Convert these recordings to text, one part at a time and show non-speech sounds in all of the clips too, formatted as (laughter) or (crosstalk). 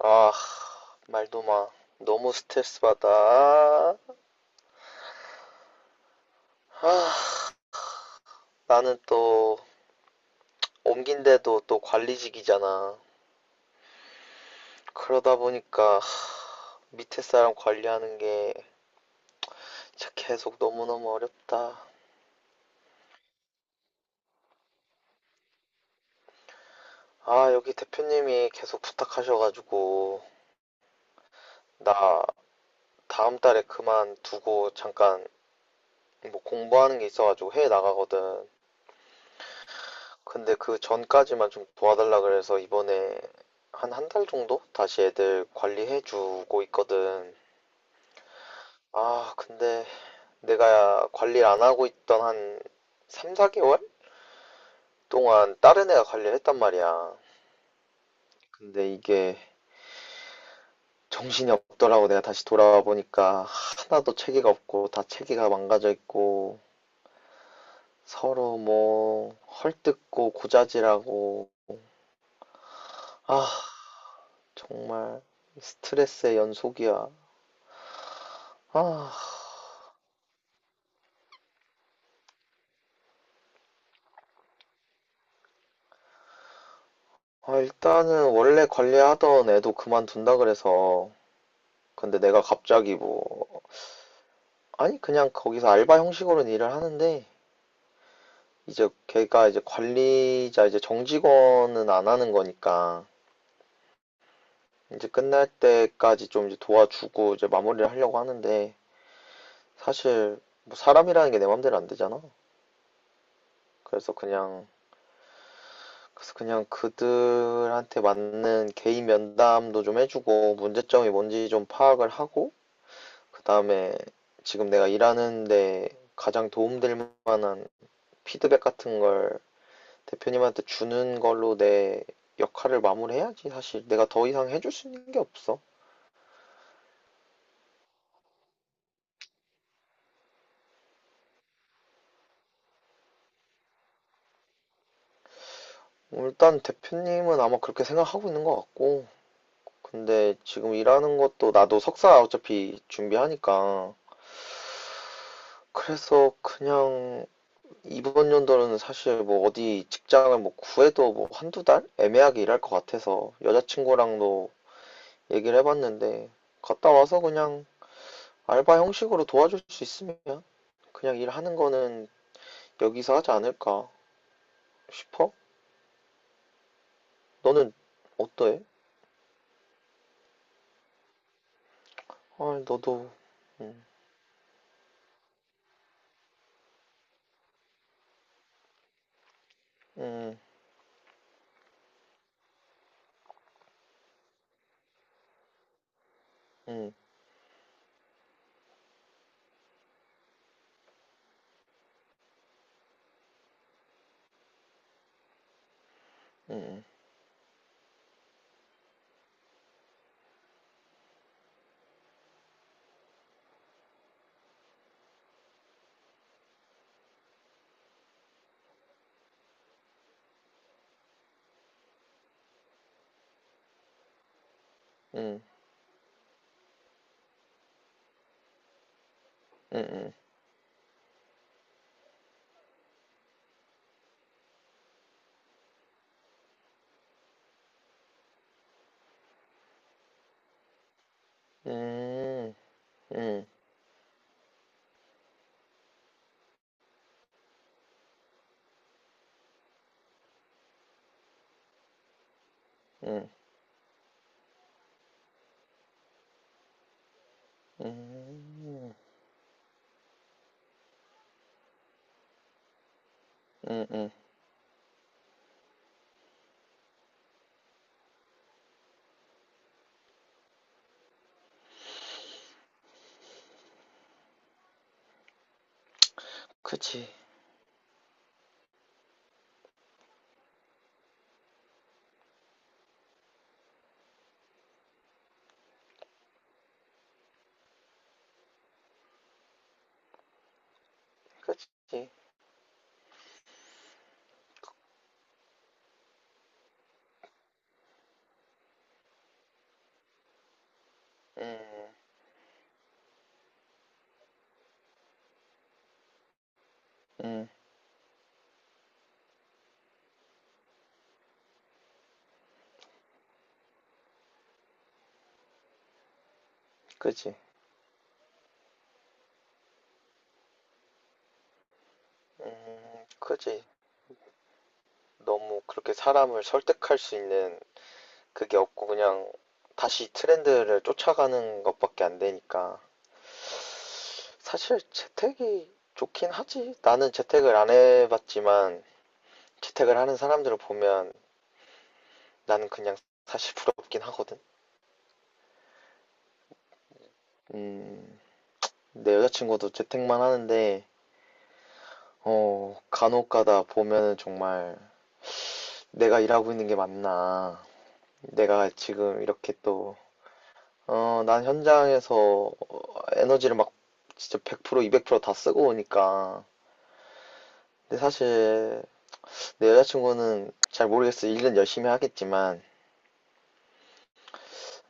아, 말도 마. 너무 스트레스 받아. 아, 나는 또 옮긴데도 또 관리직이잖아. 그러다 보니까 밑에 사람 관리하는 게 진짜 계속 너무너무 어렵다. 아, 여기 대표님이 계속 부탁하셔가지고 나 다음 달에 그만두고 잠깐 뭐 공부하는 게 있어가지고 해외 나가거든. 근데 그 전까지만 좀 도와달라 그래서 이번에 한 한 달 정도 다시 애들 관리해주고 있거든. 아, 근데 내가 관리를 안 하고 있던 한 3, 4개월 동안 다른 애가 관리를 했단 말이야. 근데 이게 정신이 없더라고. 내가 다시 돌아와 보니까 하나도 체계가 없고 다 체계가 망가져 있고 서로 뭐 헐뜯고 고자질하고, 아, 정말 스트레스의 연속이야. 아, 아, 일단은 원래 관리하던 애도 그만둔다 그래서, 근데 내가 갑자기 뭐, 아니 그냥 거기서 알바 형식으로는 일을 하는데 이제 걔가 이제 관리자 이제 정직원은 안 하는 거니까 이제 끝날 때까지 좀 이제 도와주고 이제 마무리를 하려고 하는데 사실 뭐 사람이라는 게 내 맘대로 안 되잖아. 그래서 그냥 그래서 그냥 그들한테 맞는 개인 면담도 좀 해주고 문제점이 뭔지 좀 파악을 하고 그다음에 지금 내가 일하는데 가장 도움될 만한 피드백 같은 걸 대표님한테 주는 걸로 내 역할을 마무리해야지. 사실 내가 더 이상 해줄 수 있는 게 없어. 일단 대표님은 아마 그렇게 생각하고 있는 것 같고, 근데 지금 일하는 것도 나도 석사 어차피 준비하니까, 그래서 그냥 이번 연도는 사실 뭐 어디 직장을 뭐 구해도 뭐 한두 달 애매하게 일할 것 같아서 여자친구랑도 얘기를 해봤는데, 갔다 와서 그냥 알바 형식으로 도와줄 수 있으면 그냥 일하는 거는 여기서 하지 않을까 싶어. 너는 어떠해? 아, 너도, 음, 음, 음, 음, 음, 음, 음, 음, 음, 음, 음, 음, 음, 그치, 그치, 음, 음, 그치, 그치. 너무 그렇게 사람을 설득할 수 있는 그게 없고, 그냥 다시 트렌드를 쫓아가는 것밖에 안 되니까. 사실 재택이 좋긴 하지. 나는 재택을 안 해봤지만 재택을 하는 사람들을 보면 나는 그냥, 사실 부럽긴 하거든. 음, 내 여자친구도 재택만 하는데, 어, 간혹가다 보면은 정말 내가 일하고 있는 게 맞나, 내가 지금 이렇게 또, 어, 난 현장에서 에너지를 막 진짜 100%, 200%다 쓰고 오니까. 근데 사실 내 여자친구는 잘 모르겠어. 일은 열심히 하겠지만,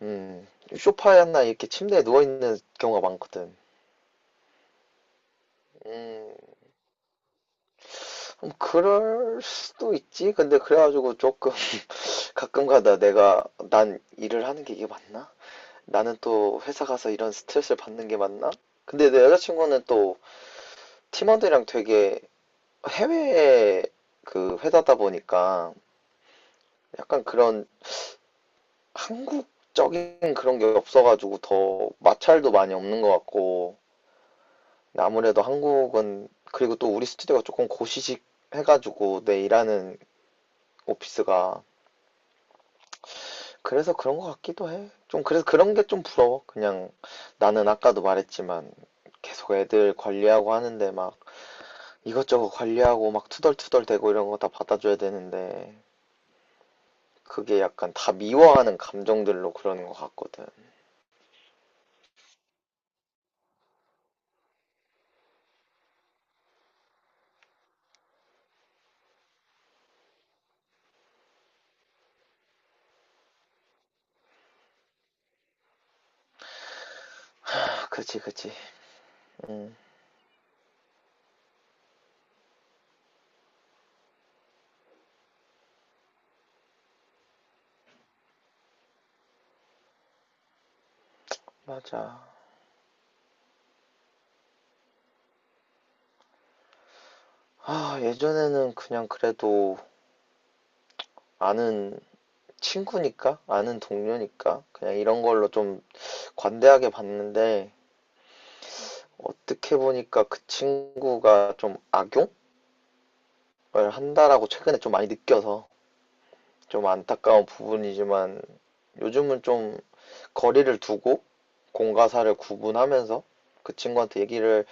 음, 소파에 나 이렇게 침대에 누워있는 경우가 많거든. 음, 그럴 수도 있지. 근데 그래가지고 조금 (laughs) 가끔가다 내가, 난 일을 하는 게 이게 맞나? 나는 또 회사 가서 이런 스트레스를 받는 게 맞나? 근데 내 여자친구는 또 팀원들이랑 되게 해외 그 회사다 보니까 약간 그런 한국적인 그런 게 없어가지고 더 마찰도 많이 없는 것 같고, 근데 아무래도 한국은, 그리고 또 우리 스튜디오가 조금 고시식 해가지고 내 일하는 오피스가 그래서 그런 것 같기도 해. 좀 그래서 그런 게 좀 부러워. 그냥 나는 아까도 말했지만 계속 애들 관리하고 하는데 막 이것저것 관리하고 막 투덜투덜 대고 이런 거 다 받아줘야 되는데, 그게 약간 다 미워하는 감정들로 그러는 것 같거든. 아, 그치, 그치. 응, 맞아. 아, 예전에는 그냥 그래도 아는 친구니까, 아는 동료니까 그냥 이런 걸로 좀 관대하게 봤는데, 어떻게 보니까 그 친구가 좀 악용? 한다라고 최근에 좀 많이 느껴서 좀 안타까운 부분이지만 요즘은 좀 거리를 두고 공과사를 구분하면서 그 친구한테 얘기를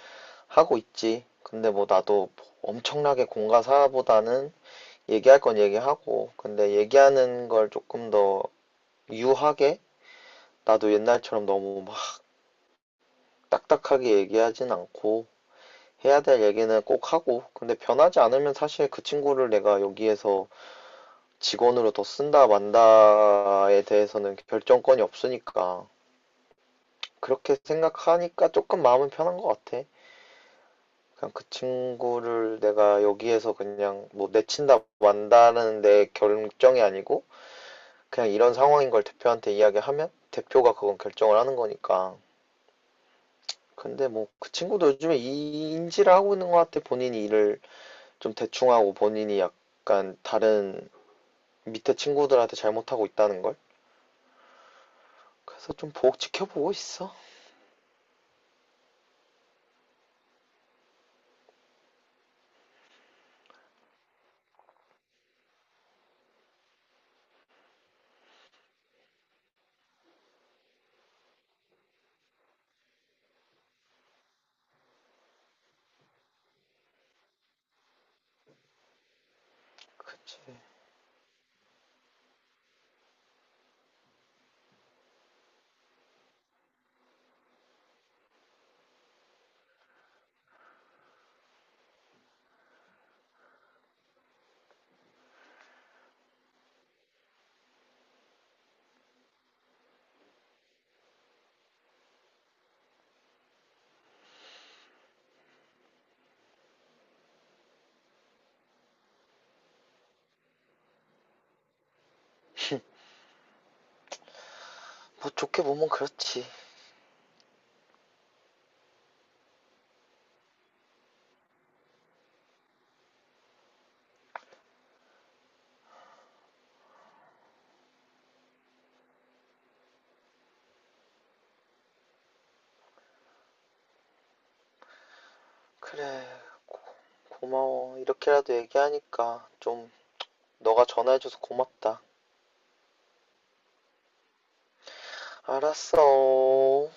하고 있지. 근데 뭐 나도 엄청나게 공과사보다는 얘기할 건 얘기하고, 근데 얘기하는 걸 조금 더 유하게 나도 옛날처럼 너무 막 딱딱하게 얘기하진 않고 해야 될 얘기는 꼭 하고, 근데 변하지 않으면 사실 그 친구를 내가 여기에서 직원으로 더 쓴다 만다에 대해서는 결정권이 없으니까, 그렇게 생각하니까 조금 마음은 편한 것 같아. 그냥 그 친구를 내가 여기에서 그냥 뭐 내친다 만다는 내 결정이 아니고 그냥 이런 상황인 걸 대표한테 이야기하면 대표가 그건 결정을 하는 거니까. 근데 뭐 그 친구도 요즘에 이 인지를 하고 있는 것 같아. 본인이 일을 좀 대충 하고 본인이 약간 다른 밑에 친구들한테 잘못하고 있다는 걸. 그래서 좀 보고 지켜보고 있어. 그치. 뭐 좋게 보면 그렇지. 그래, 고마워. 이렇게라도 얘기하니까 좀, 너가 전화해줘서 고맙다. 알았어.